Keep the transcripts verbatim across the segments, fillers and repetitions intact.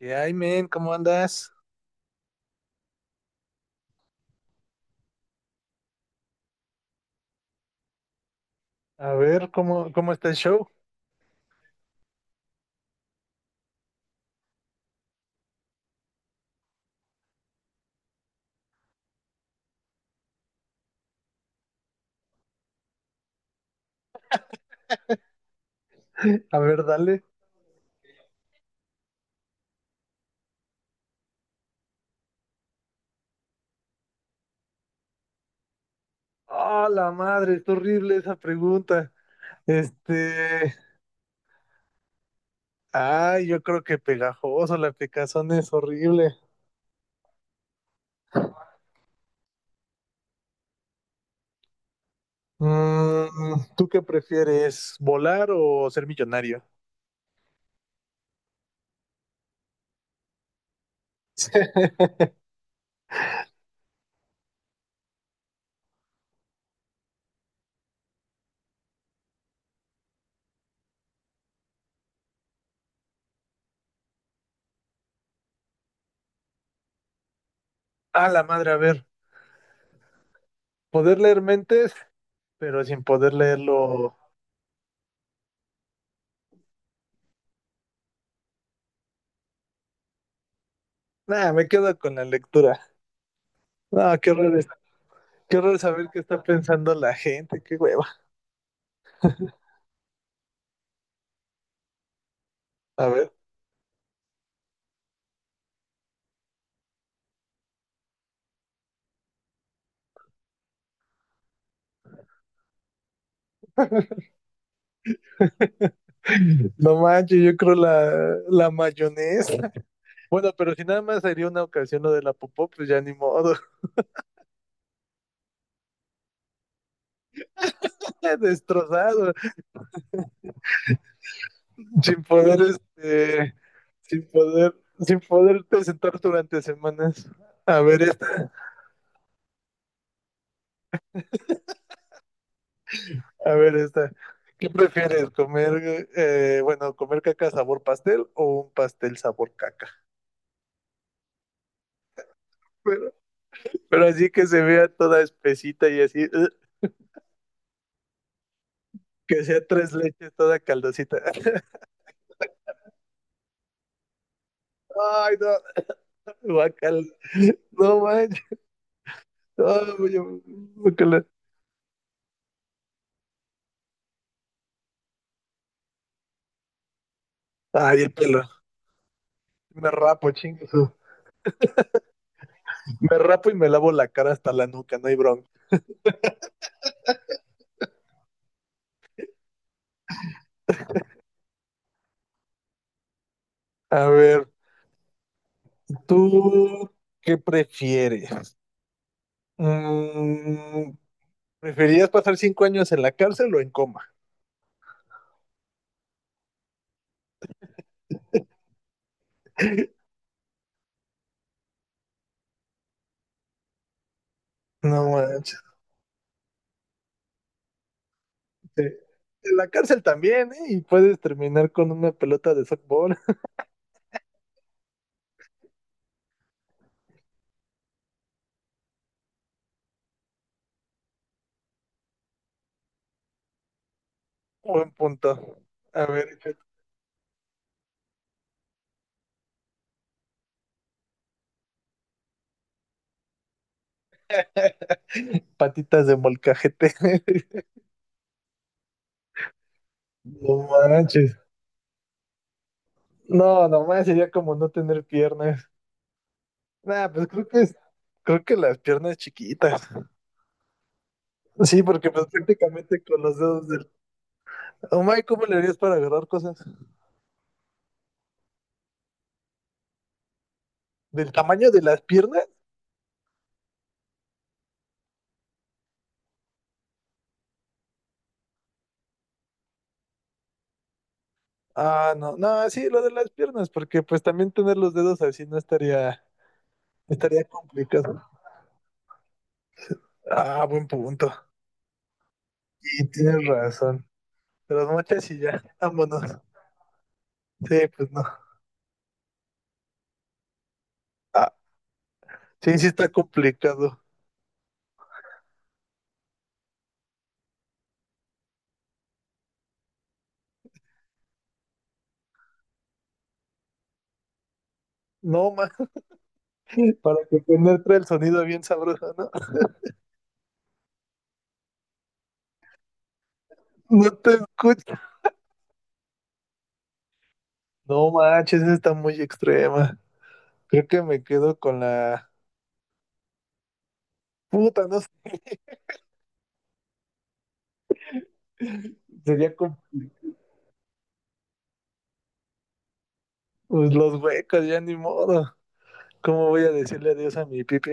Y ay, men, ¿cómo andas? A ver, ¿cómo, cómo está el show? A ver, dale. ¡Ah, la madre! Está horrible esa pregunta. Este. Ay, yo creo que pegajoso, la picazón es horrible. Mm, ¿tú qué prefieres, volar o ser millonario? ¡Ah, la madre! A ver, poder leer mentes, pero sin poder leerlo. Nah, me quedo con la lectura. No, qué horror, es- qué horror saber qué está pensando la gente, qué hueva. A ver. No manches, yo creo la, la mayonesa. Bueno, pero si nada más sería una ocasión lo de la popó, pues ya ni modo. Destrozado, sin poder, este, sin poder, sin poderte sentar durante semanas. A ver esta, a ver esta. ¿Qué prefieres, comer, eh, bueno, comer caca sabor pastel o un pastel sabor caca? Pero, pero así que se vea toda espesita y así, ugh, que sea tres leches toda caldosita. Ay, no, guacal, no manches. Ah, güey, yo- guácala. Ay, el pelo. Me rapo, chingue su- Me rapo y me lavo la cara hasta la nuca, no hay bronca. A ver, ¿tú qué prefieres? Mm, ¿preferirías pasar cinco años en la cárcel o en coma? No manches. Sí. En la cárcel también, ¿eh? Y puedes terminar con una pelota de softball. Buen punto. A ver, échate. Patitas de molcajete. No manches. No, nomás sería como no tener piernas. Nah, pues creo que es- creo que las piernas chiquitas. Sí, porque pues prácticamente con los dedos del... Oh my, ¿cómo le harías para agarrar cosas? ¿Del tamaño de las piernas? Ah, no, no, sí, lo de las piernas, porque pues también tener los dedos así no estaría, estaría complicado. Ah, buen punto. Y tienes razón. Las mochas y ya, vámonos. Sí, pues no. Ah, sí, sí está complicado. No, más para que penetre el sonido bien sabroso, ¿no? No te escucho. No manches, esa está muy extrema. Creo que me quedo con la puta, no sé. Sería como pues, los huecos, ya ni modo. ¿Cómo voy a decirle adiós a mi pipi?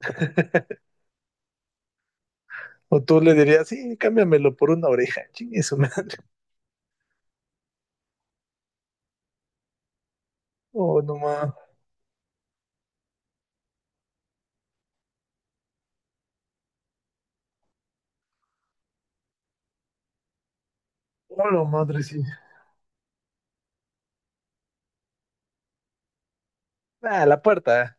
O tú le dirías, sí, cámbiamelo por una oreja, chingue su madre. Oh, no más. Oh, no, madre, sí. Ah, la puerta.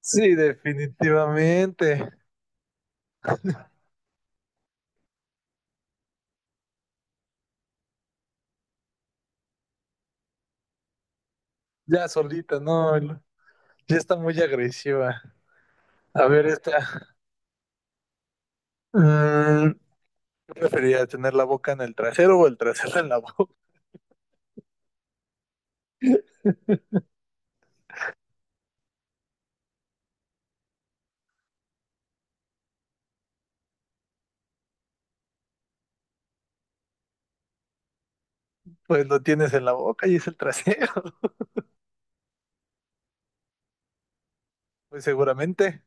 Sí, definitivamente. Ya solita, no. el- Ya está muy agresiva. A ver, esta. Mm, ¿qué preferiría tener la boca en el trasero o el trasero en la boca? Pues lo tienes en la boca y es el trasero, pues seguramente.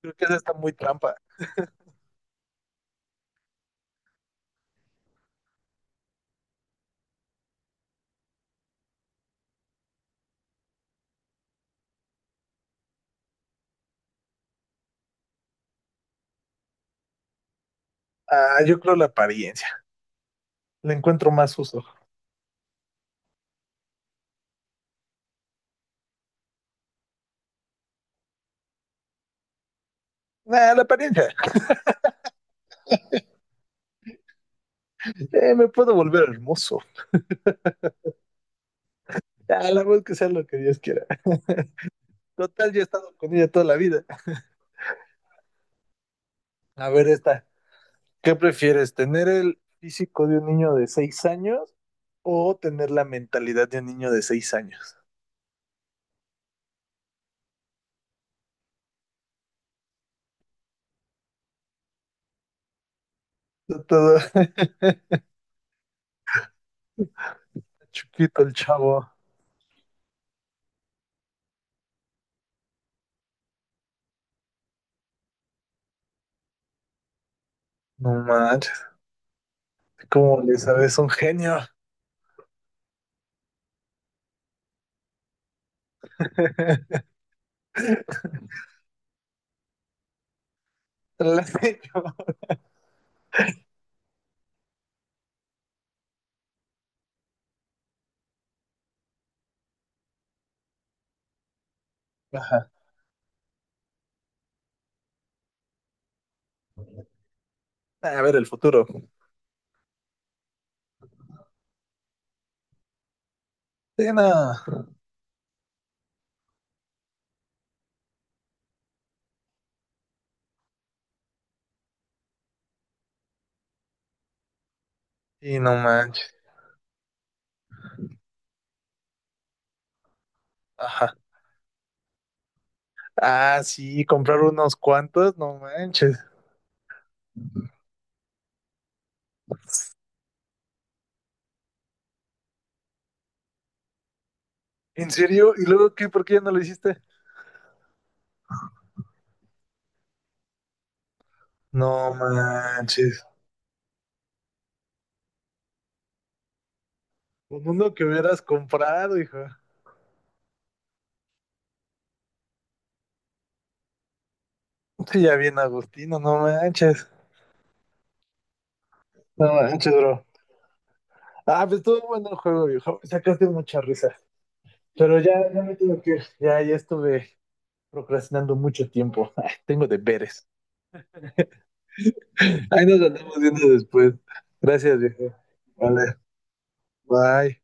Creo que esa está muy trampa. Ah, yo creo la apariencia. Le encuentro más uso. Ah, la apariencia. Eh, me puedo volver hermoso. Ah, la voz que sea lo que Dios quiera. Total, yo he estado con ella toda la vida. A ver, esta. ¿Qué prefieres? ¿Tener el físico de un niño de seis años o tener la mentalidad de un niño de seis años? Está todo chiquito el chavo. No manches, como le sabes, un genio. La sé. Ajá. A ver el futuro. Sí, no. Sí, no manches. Ajá. Ah, sí, comprar unos cuantos, no manches. ¿En serio? ¿Y luego qué? ¿Por qué ya no lo hiciste? No manches. Con uno que hubieras comprado, hijo. Sí, ya bien, Agustino, no manches. No manches, bro. Ah, pues estuvo bueno el juego, viejo. Sacaste mucha risa. Pero ya, ya me tengo que ir. Ya, ya estuve procrastinando mucho tiempo. Tengo deberes. Ahí nos andamos viendo después. Gracias, viejo. Vale, bye.